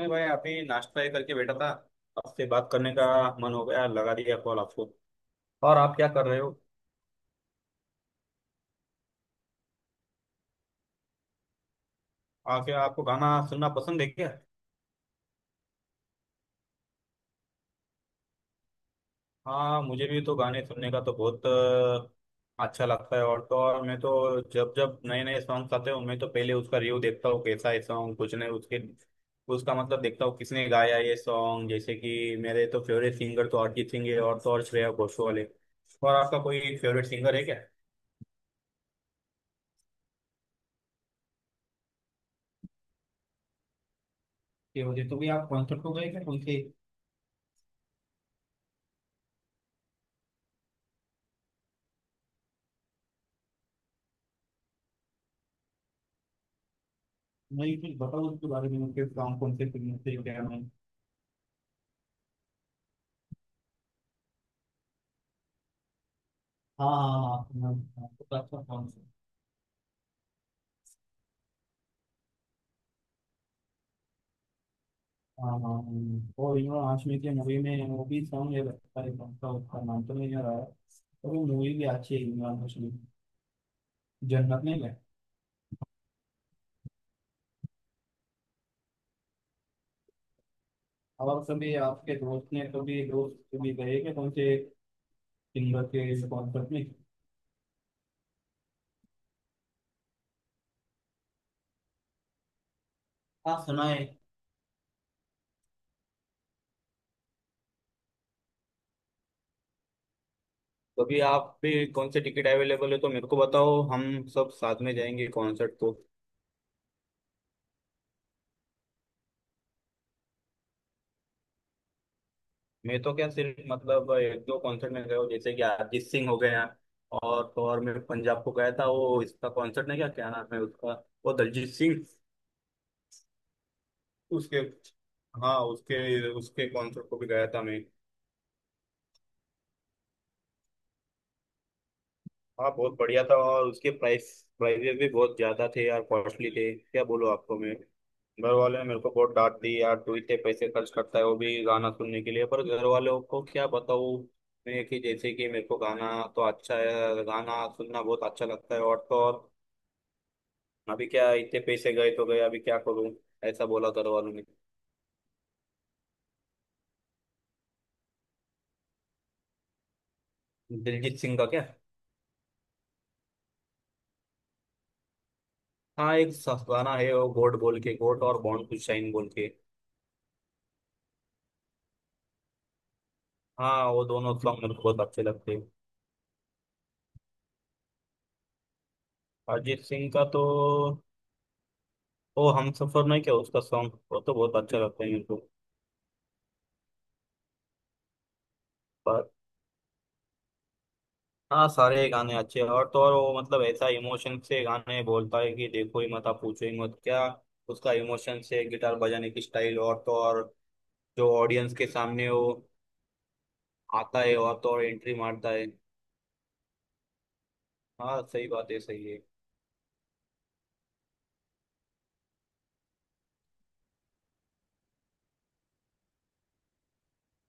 मैं भाई आप ही नाश्ता ही करके बैठा था। आपसे बात करने का मन हो गया, लगा दिया कॉल आपको। और आप क्या कर रहे हो? आके आपको गाना सुनना पसंद है क्या? हाँ, मुझे भी तो गाने सुनने का तो बहुत अच्छा लगता है। और तो और, मैं तो जब जब नए नए सॉन्ग्स आते हो मैं तो पहले उसका रिव्यू देखता हूँ, कैसा है सॉन्ग, कुछ नहीं उसके उसका मतलब देखता हूँ किसने गाया ये सॉन्ग। जैसे कि मेरे तो फेवरेट सिंगर तो अरिजीत सिंह है, और तो और श्रेया घोषाल है। और आपका कोई फेवरेट सिंगर है क्या? ये मुझे तो भी आप कॉन्सर्ट को गए क्या उनके? नहीं, कुछ बताओ उसके बारे में, उनके काम, कौन से फिल्म थे, क्या नहीं। हाँ हाँ हाँ हाँ हाँ, तो अच्छा कौन से? हाँ हाँ, हाँ। हाँ। और यू नो आशमी की मूवी में वो भी सॉन्ग है लगता है, कौन सा उसका नाम तो नहीं आ रहा है, तो वो मूवी भी अच्छी है इमरान हाशमी की। जन्नत नहीं है? और सभी आपके दोस्त ने कभी दोस्त कभी गए कि कौन से सिंगर के कॉन्सर्ट में? हाँ, सुना है। कभी आप भी कौन से टिकट अवेलेबल है तो मेरे को बताओ, हम सब साथ में जाएंगे कॉन्सर्ट को। मैं तो क्या सिर्फ मतलब एक दो कॉन्सर्ट में गया हूँ, जैसे कि अरिजीत सिंह हो गया। और तो और मैं पंजाब को गया था, वो इसका कॉन्सर्ट, नहीं क्या क्या नाम है उसका, वो दलजीत सिंह उसके। हाँ, उसके उसके कॉन्सर्ट को भी गया था मैं। हाँ बहुत बढ़िया था, और उसके प्राइस प्राइजेस भी बहुत ज्यादा थे यार, कॉस्टली थे, क्या बोलो आपको। मैं, घर वालों ने मेरे को बहुत डांट दी, यार तू इतने पैसे खर्च करता है, वो भी गाना सुनने के लिए। पर घर वालों को क्या बताऊँ मैं कि जैसे कि मेरे को गाना तो अच्छा है, गाना सुनना बहुत अच्छा लगता है। और तो और अभी क्या, इतने पैसे गए तो गए, अभी क्या करूँ, ऐसा बोला घर वालों ने। दिलजीत सिंह का क्या? हाँ, एक गाना है वो, गोड बोल के, गोड और बॉन्ड टू शाइन बोल के। हाँ, वो दोनों सॉन्ग मेरे को बहुत अच्छे लगते हैं। अरिजीत सिंह का तो, ओ हम सफर नहीं क्या उसका सॉन्ग, वो तो बहुत अच्छा लगता है मेरे को। पर हाँ, सारे गाने अच्छे हैं, और तो और वो मतलब ऐसा इमोशन से गाने बोलता है कि देखो ही मत, आप पूछो ही मत क्या। उसका इमोशन से गिटार बजाने की स्टाइल, और तो और जो ऑडियंस के सामने वो आता है, और तो और एंट्री मारता है। हाँ सही बात है, सही है।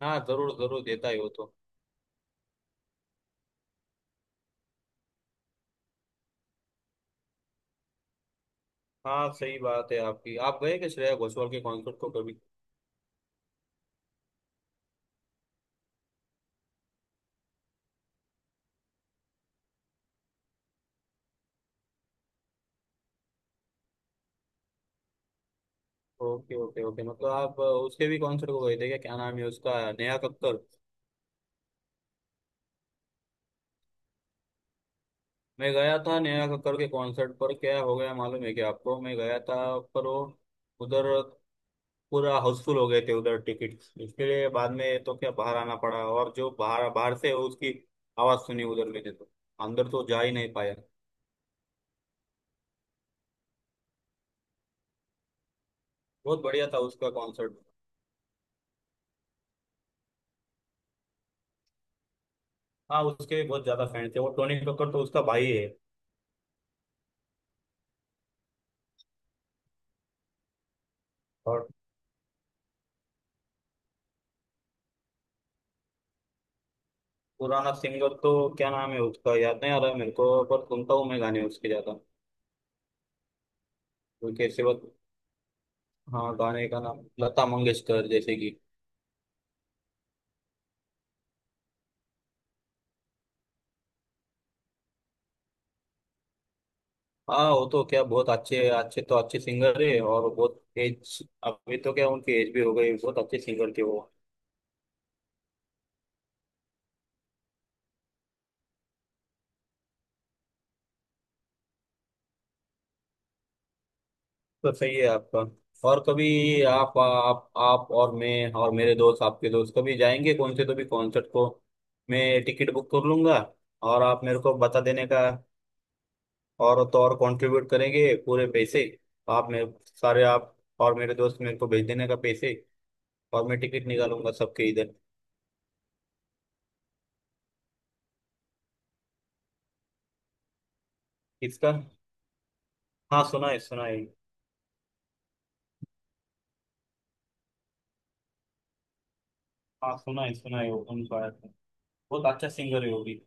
हाँ, जरूर जरूर देता है वो तो। हाँ सही बात है आपकी। आप गए क्या श्रेया घोषाल के कॉन्सर्ट को कभी? ओके ओके ओके, मतलब आप उसके भी कॉन्सर्ट को गए थे क्या, क्या नाम है उसका, नेहा कक्कर? मैं गया था नेहा कक्कर के कॉन्सर्ट पर, क्या हो गया मालूम है क्या आपको, मैं गया था पर वो उधर पूरा हाउसफुल हो गए थे उधर, टिकट इसके लिए बाद में तो क्या बाहर आना पड़ा, और जो बाहर बाहर से उसकी आवाज़ सुनी उधर मैंने तो, अंदर तो जा ही नहीं पाया। बहुत बढ़िया था उसका कॉन्सर्ट। हाँ, उसके भी बहुत ज़्यादा फैन थे वो। टोनी कक्कर तो उसका भाई है। और पुराना सिंगर तो क्या नाम है उसका याद नहीं आ रहा मेरे को, पर सुनता हूँ मैं गाने उसके ज़्यादा। कोई कैसे बात, हाँ गाने का नाम लता मंगेशकर जैसे कि। हाँ वो तो क्या बहुत अच्छे अच्छे तो अच्छे सिंगर है, और बहुत एज अभी तो क्या उनकी एज भी हो गई, बहुत अच्छे सिंगर थे वो। तो सही है आपका। और कभी आप और मैं और मेरे दोस्त आपके दोस्त कभी जाएंगे कौन से तो भी कॉन्सर्ट को, मैं टिकट बुक कर लूंगा। और आप मेरे को बता देने का। और तो और कंट्रीब्यूट करेंगे पूरे पैसे, आप मेरे सारे आप और मेरे दोस्त मेरे को भेज देने का पैसे, और मैं टिकट निकालूंगा सबके इधर। इसका, हाँ सुना है सुना है। हाँ सुना है सुना है, वो कौन सा आया था, बहुत अच्छा सिंगर है वो भी।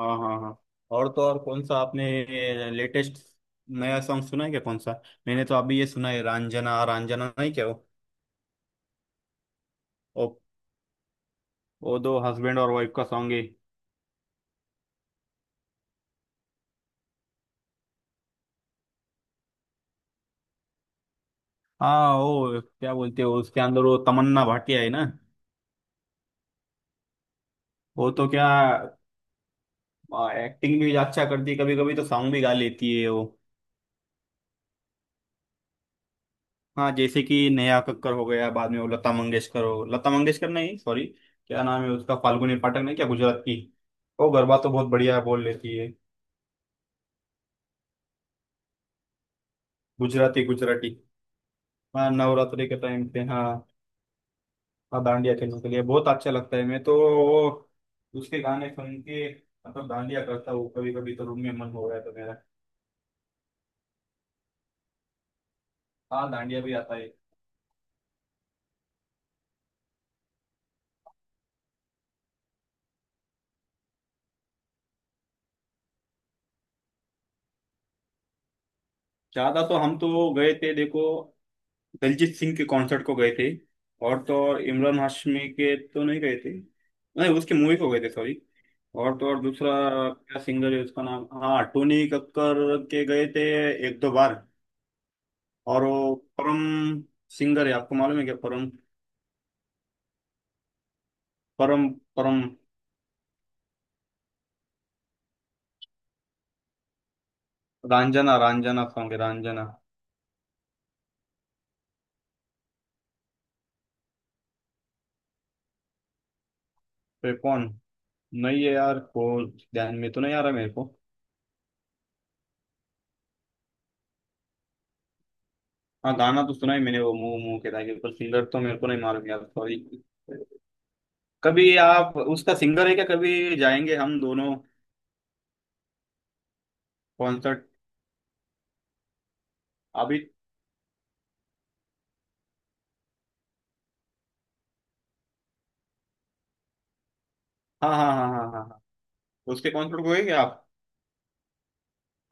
हाँ हाँ हाँ। और तो और कौन सा आपने लेटेस्ट नया सॉन्ग सुना है क्या, कौन सा? मैंने तो अभी ये सुना है रंजना रंजना नहीं क्या वो। वो, वो दो हस्बैंड और वाइफ का सॉन्ग है। हाँ, वो क्या बोलते हो उसके अंदर वो तमन्ना भाटिया है ना। वो तो क्या एक्टिंग भी अच्छा करती है, कभी कभी तो सॉन्ग भी गा लेती है वो। हाँ, जैसे कि नेहा कक्कर हो गया, बाद में वो लता मंगेशकर हो, लता मंगेशकर नहीं सॉरी, क्या नाम है उसका, फाल्गुनी पाठक नहीं क्या, गुजरात की। वो गरबा तो बहुत बढ़िया बोल लेती है। गुजराती गुजराती, हाँ नवरात्रि के टाइम पे हाँ। हाँ डांडिया खेलने के लिए बहुत अच्छा लगता है। मैं तो वो उसके गाने सुन के, मतलब डांडिया करता हूँ कभी कभी तो रूम में, मन हो रहा है तो मेरा। हाँ डांडिया भी आता है। ज्यादा तो हम तो गए थे देखो, दिलजीत सिंह के कॉन्सर्ट को गए थे, और तो और इमरान हाशमी के तो नहीं गए थे, नहीं उसकी मूवी को गए थे सॉरी। और तो और दूसरा क्या सिंगर है उसका नाम, हाँ टोनी कक्कर के गए थे एक दो बार। और वो परम सिंगर है, आपको मालूम है क्या, परम? परम? परम? रंजना रंजना सॉन्ग है, रंजना। पे कौन, नहीं है यार, को ध्यान में तो नहीं आ रहा मेरे को। हाँ गाना तो सुना है मैंने वो मुंह मुंह के ताकि, पर सिंगर तो मेरे को नहीं मालूम यार सॉरी। कभी आप, उसका सिंगर है क्या, कभी जाएंगे हम दोनों कॉन्सर्ट? अभी, हाँ हाँ हाँ हाँ हाँ हाँ। उसके कॉन्सर्ट को गए क्या आप?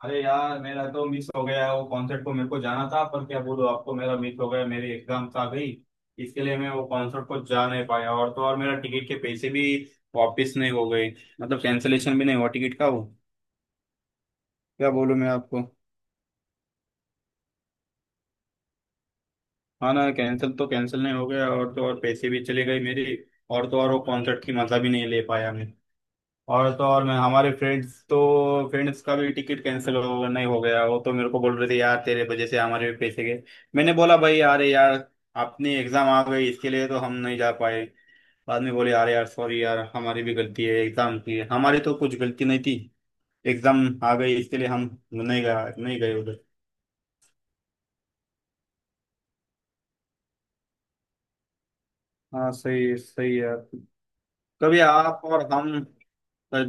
अरे यार मेरा तो मिस हो गया वो कॉन्सर्ट को, मेरे को जाना था पर क्या बोलूं आपको मेरा मिस हो गया, मेरी एग्जाम्स आ गई, इसके लिए मैं वो कॉन्सर्ट को जा नहीं पाया। और तो और मेरा टिकट के पैसे भी वापस नहीं हो गए, मतलब कैंसिलेशन भी नहीं हुआ टिकट का वो, क्या बोलूं मैं आपको। हाँ ना, कैंसिल तो कैंसिल नहीं हो गया, और तो और पैसे भी चले गए मेरे। और तो और वो कॉन्सर्ट की मजा भी नहीं ले पाया मैं। और तो और मैं हमारे फ्रेंड्स तो फ्रेंड्स का भी टिकट कैंसिल हो नहीं हो गया, वो तो मेरे को बोल रहे थे यार तेरे वजह से हमारे भी पैसे गए। मैंने बोला भाई यार यार, अपनी एग्जाम आ गई इसके लिए तो हम नहीं जा पाए। बाद में बोले यार यार सॉरी यार, हमारी भी गलती है, एग्जाम की है, हमारी तो कुछ गलती नहीं थी, एग्जाम आ गई इसके लिए हम नहीं गए, नहीं गए उधर। हाँ सही है यार। कभी आप और हम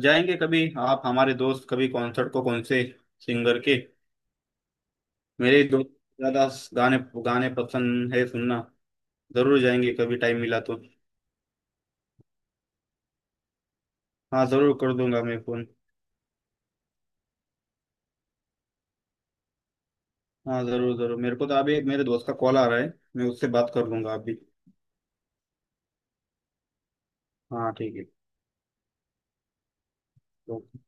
जाएंगे, कभी आप हमारे दोस्त कभी कॉन्सर्ट को कौन से सिंगर के। मेरे दोस्त को ज्यादा गाने गाने पसंद है सुनना, जरूर जाएंगे कभी टाइम मिला तो। हाँ जरूर कर दूंगा मैं फोन। हाँ जरूर जरूर, मेरे को तो अभी एक मेरे दोस्त का कॉल आ रहा है, मैं उससे बात कर लूंगा अभी। हाँ ठीक है। ओके।